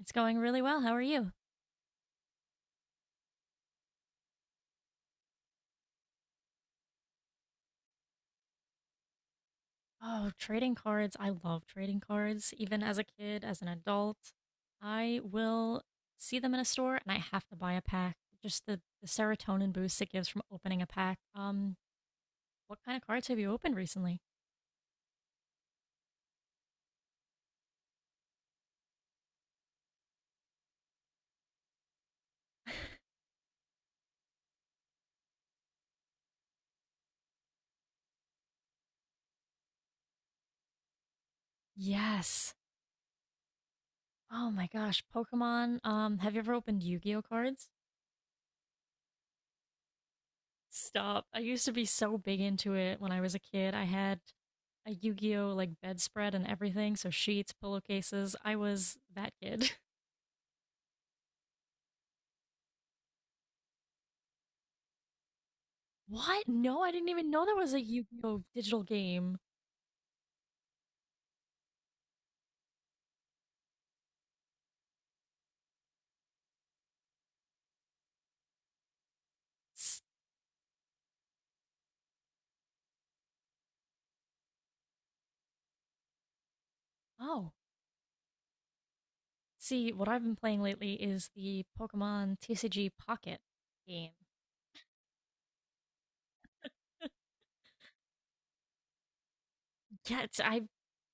It's going really well. How are you? Oh, trading cards. I love trading cards. Even as a kid, as an adult, I will see them in a store and I have to buy a pack. Just the serotonin boost it gives from opening a pack. What kind of cards have you opened recently? Yes. Oh my gosh, Pokemon. Have you ever opened Yu-Gi-Oh cards? Stop. I used to be so big into it when I was a kid. I had a Yu-Gi-Oh like bedspread and everything, so sheets, pillowcases. I was that kid. What? No, I didn't even know there was a Yu-Gi-Oh! Digital game. S- Oh, see, what I've been playing lately is the Pokemon TCG Pocket game. Yeah, it's, I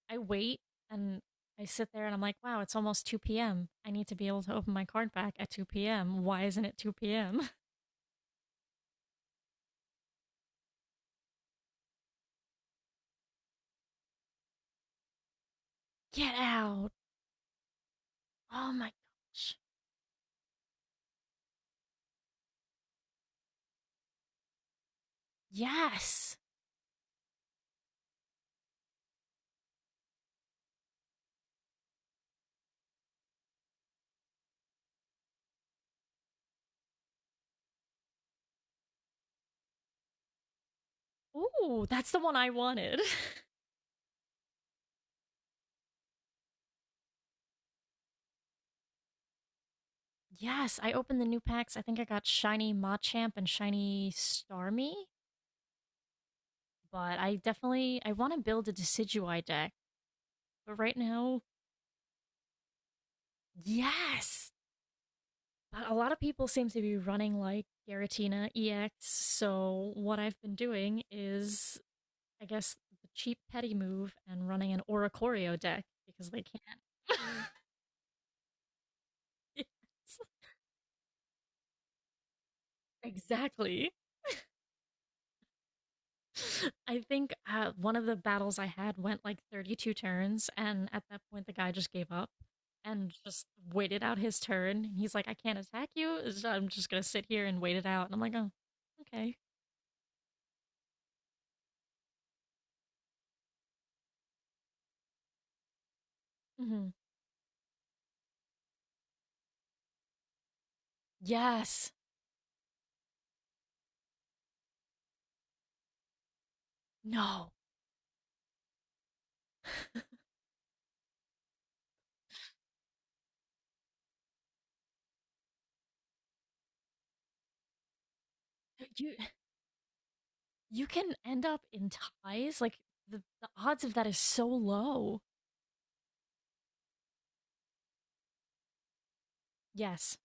I wait and I sit there and I'm like, wow, it's almost 2 p.m. I need to be able to open my card back at 2 p.m. Why isn't it 2 p.m.? Get out. Oh my gosh. Yes. Ooh, that's the one I wanted. Yes, I opened the new packs. I think I got shiny Machamp and shiny Starmie. But I definitely, I want to build a Decidueye deck. But right now, yes, but a lot of people seem to be running like Garatina EX. So what I've been doing is, I guess, the cheap petty move and running an Oracorio deck because they can't. Yes, exactly. I think one of the battles I had went like 32 turns, and at that point, the guy just gave up and just waited out his turn. He's like, I can't attack you. So I'm just going to sit here and wait it out. And I'm like, oh, okay. Hmm. Yes. No. You you can end up in ties. Like, the odds of that is so low. Yes.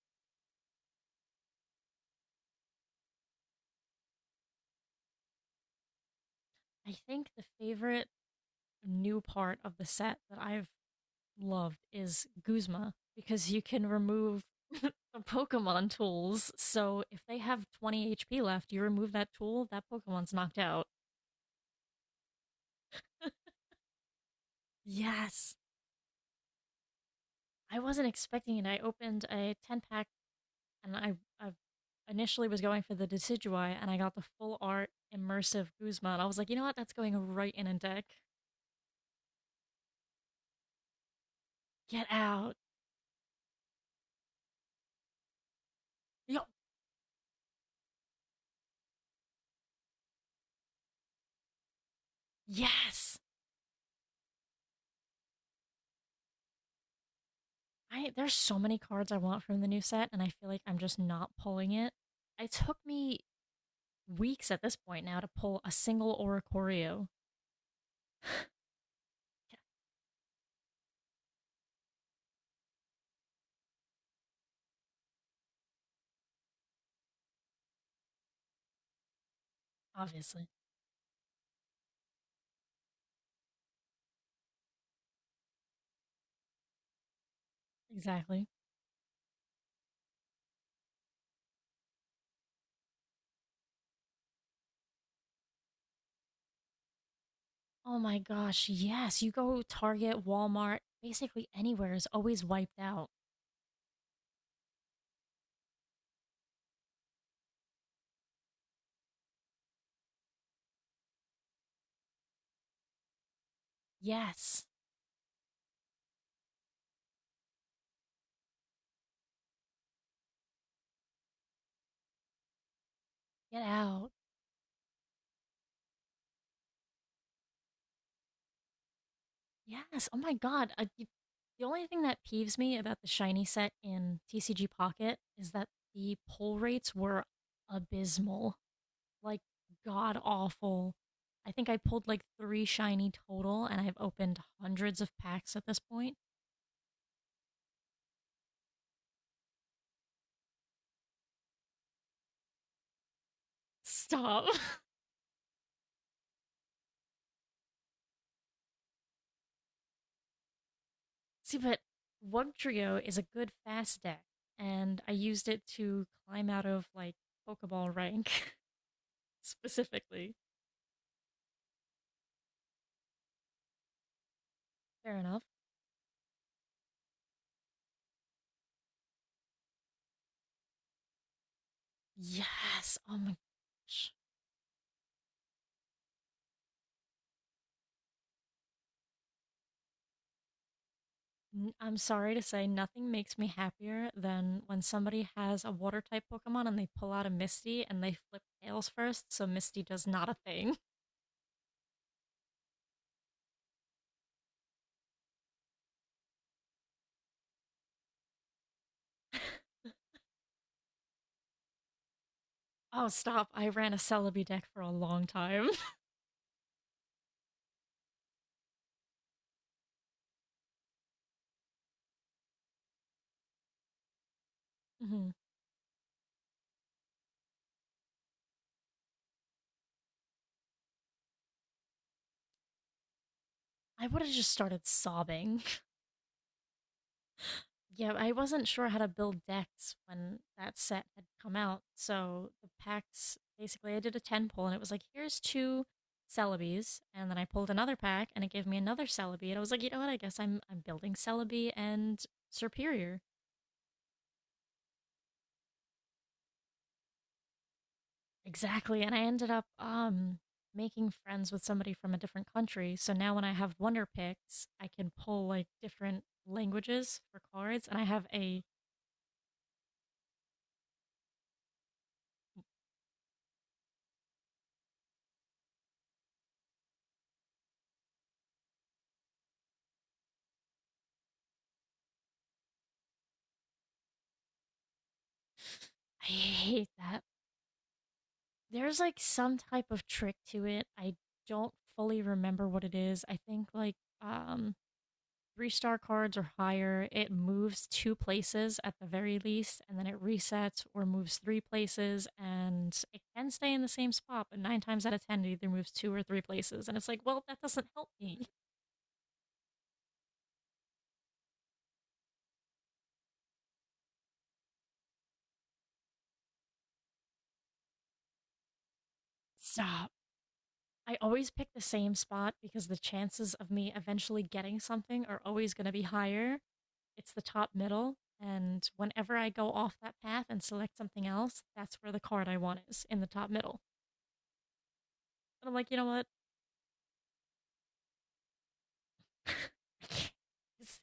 I think the favorite new part of the set that I've loved is Guzma because you can remove the Pokemon tools. So if they have 20 HP left, you remove that tool, that Pokemon's knocked out. Yes. I wasn't expecting it. I opened a 10 pack and I initially was going for the Decidueye and I got the full art immersive Guzma. And I was like, you know what? That's going right in a deck. Get out. Yo, yes. I There's so many cards I want from the new set and I feel like I'm just not pulling it. It took me weeks at this point now to pull a single Oricorio. Yeah, obviously. Exactly. Oh my gosh, yes. You go Target, Walmart, basically anywhere is always wiped out. Yes. Get out. Yes. Oh my god. The only thing that peeves me about the shiny set in TCG Pocket is that the pull rates were abysmal. Like god awful. I think I pulled like 3 shiny total and I've opened hundreds of packs at this point. Stop. See, but Wug Trio is a good fast deck, and I used it to climb out of like Pokeball rank, specifically. Fair enough. Yes. Oh my gosh. I'm sorry to say, nothing makes me happier than when somebody has a water type Pokemon and they pull out a Misty and they flip tails first, so Misty does not a thing. Oh, stop. I ran a Celebi deck for a long time. Mhm. I would have just started sobbing. Yeah, I wasn't sure how to build decks when that set had come out. So the packs basically I did a 10 pull and it was like, here's two Celebes, and then I pulled another pack and it gave me another Celebi, and I was like, you know what, I guess I'm building Celebi and Superior. Exactly. And I ended up making friends with somebody from a different country. So now when I have wonder picks, I can pull like different languages for cards and I have a I hate that. There's, like, some type of trick to it. I don't fully remember what it is. I think, like, um, 3-star cards or higher, it moves 2 places at the very least, and then it resets or moves 3 places, and it can stay in the same spot, but 9 times out of 10, it either moves 2 or 3 places. And it's like, well, that doesn't help me. Stop. I always pick the same spot because the chances of me eventually getting something are always going to be higher. It's the top middle. And whenever I go off that path and select something else, that's where the card I want is in the top middle. And I'm like, you know what? Yes.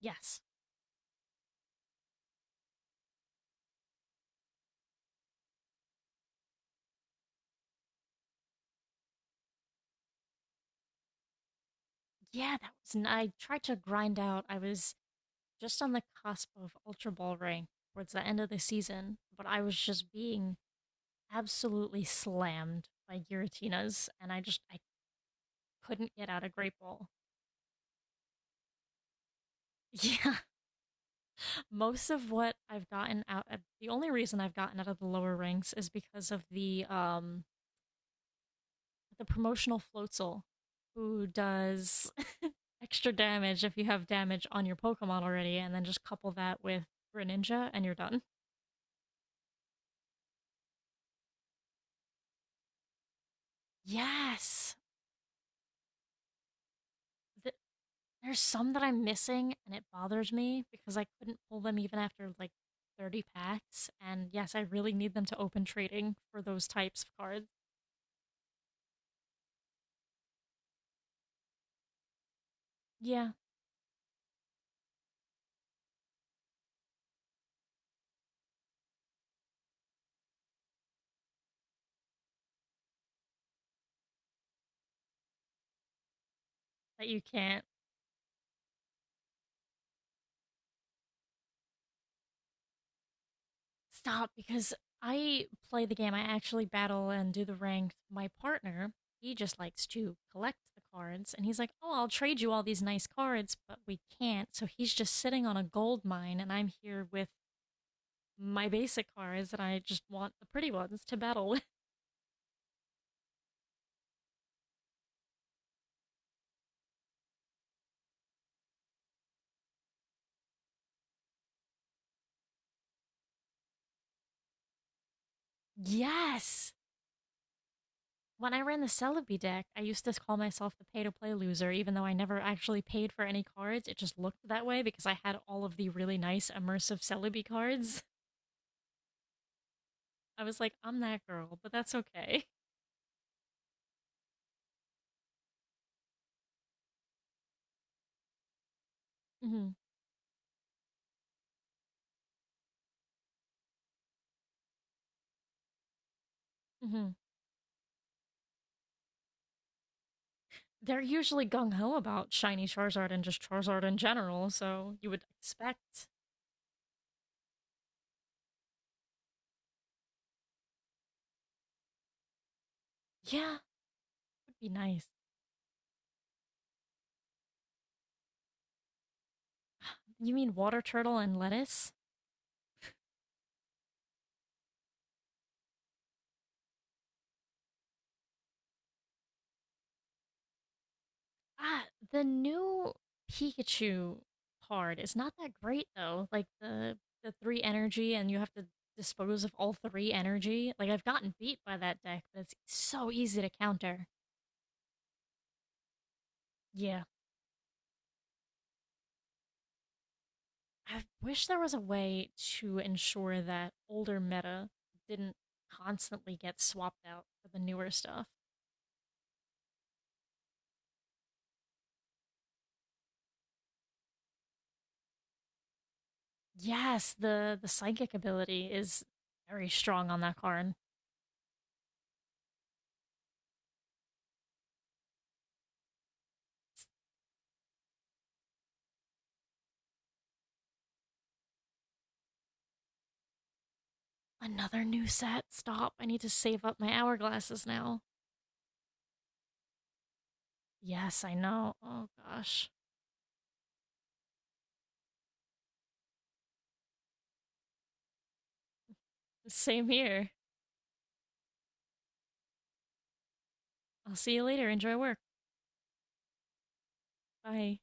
Yes. Yeah, that was. I tried to grind out. I was just on the cusp of Ultra Ball rank towards the end of the season, but I was just being absolutely slammed by Giratinas, and I just, I couldn't get out of Great Ball. Yeah. Most of what I've gotten out the only reason I've gotten out of the lower ranks is because of the promotional floatzel who does extra damage if you have damage on your Pokemon already and then just couple that with Greninja and you're done. Yes. Th- There's some that I'm missing and it bothers me because I couldn't pull them even after like 30 packs, and yes, I really need them to open trading for those types of cards. Yeah, that you can't. Stop, because I play the game. I actually battle and do the ranked. My partner, he just likes to collect the cards, and he's like, "Oh, I'll trade you all these nice cards," but we can't. So he's just sitting on a gold mine, and I'm here with my basic cards, and I just want the pretty ones to battle with. Yes. When I ran the Celebi deck, I used to call myself the pay to play loser, even though I never actually paid for any cards. It just looked that way because I had all of the really nice immersive Celebi cards. I was like, I'm that girl, but that's okay. Hmm. Hmm. They're usually gung ho about shiny Charizard and just Charizard in general, so you would expect. Yeah, it would be nice. You mean water turtle and lettuce? Ah, the new Pikachu card is not that great though. Like the three energy, and you have to dispose of all three energy. Like I've gotten beat by that deck, but it's so easy to counter. Yeah, I wish there was a way to ensure that older meta didn't constantly get swapped out for the newer stuff. Yes, the psychic ability is very strong on that card. Another new set. Stop. I need to save up my hourglasses now. Yes, I know. Oh gosh. Same here. I'll see you later. Enjoy work. Bye.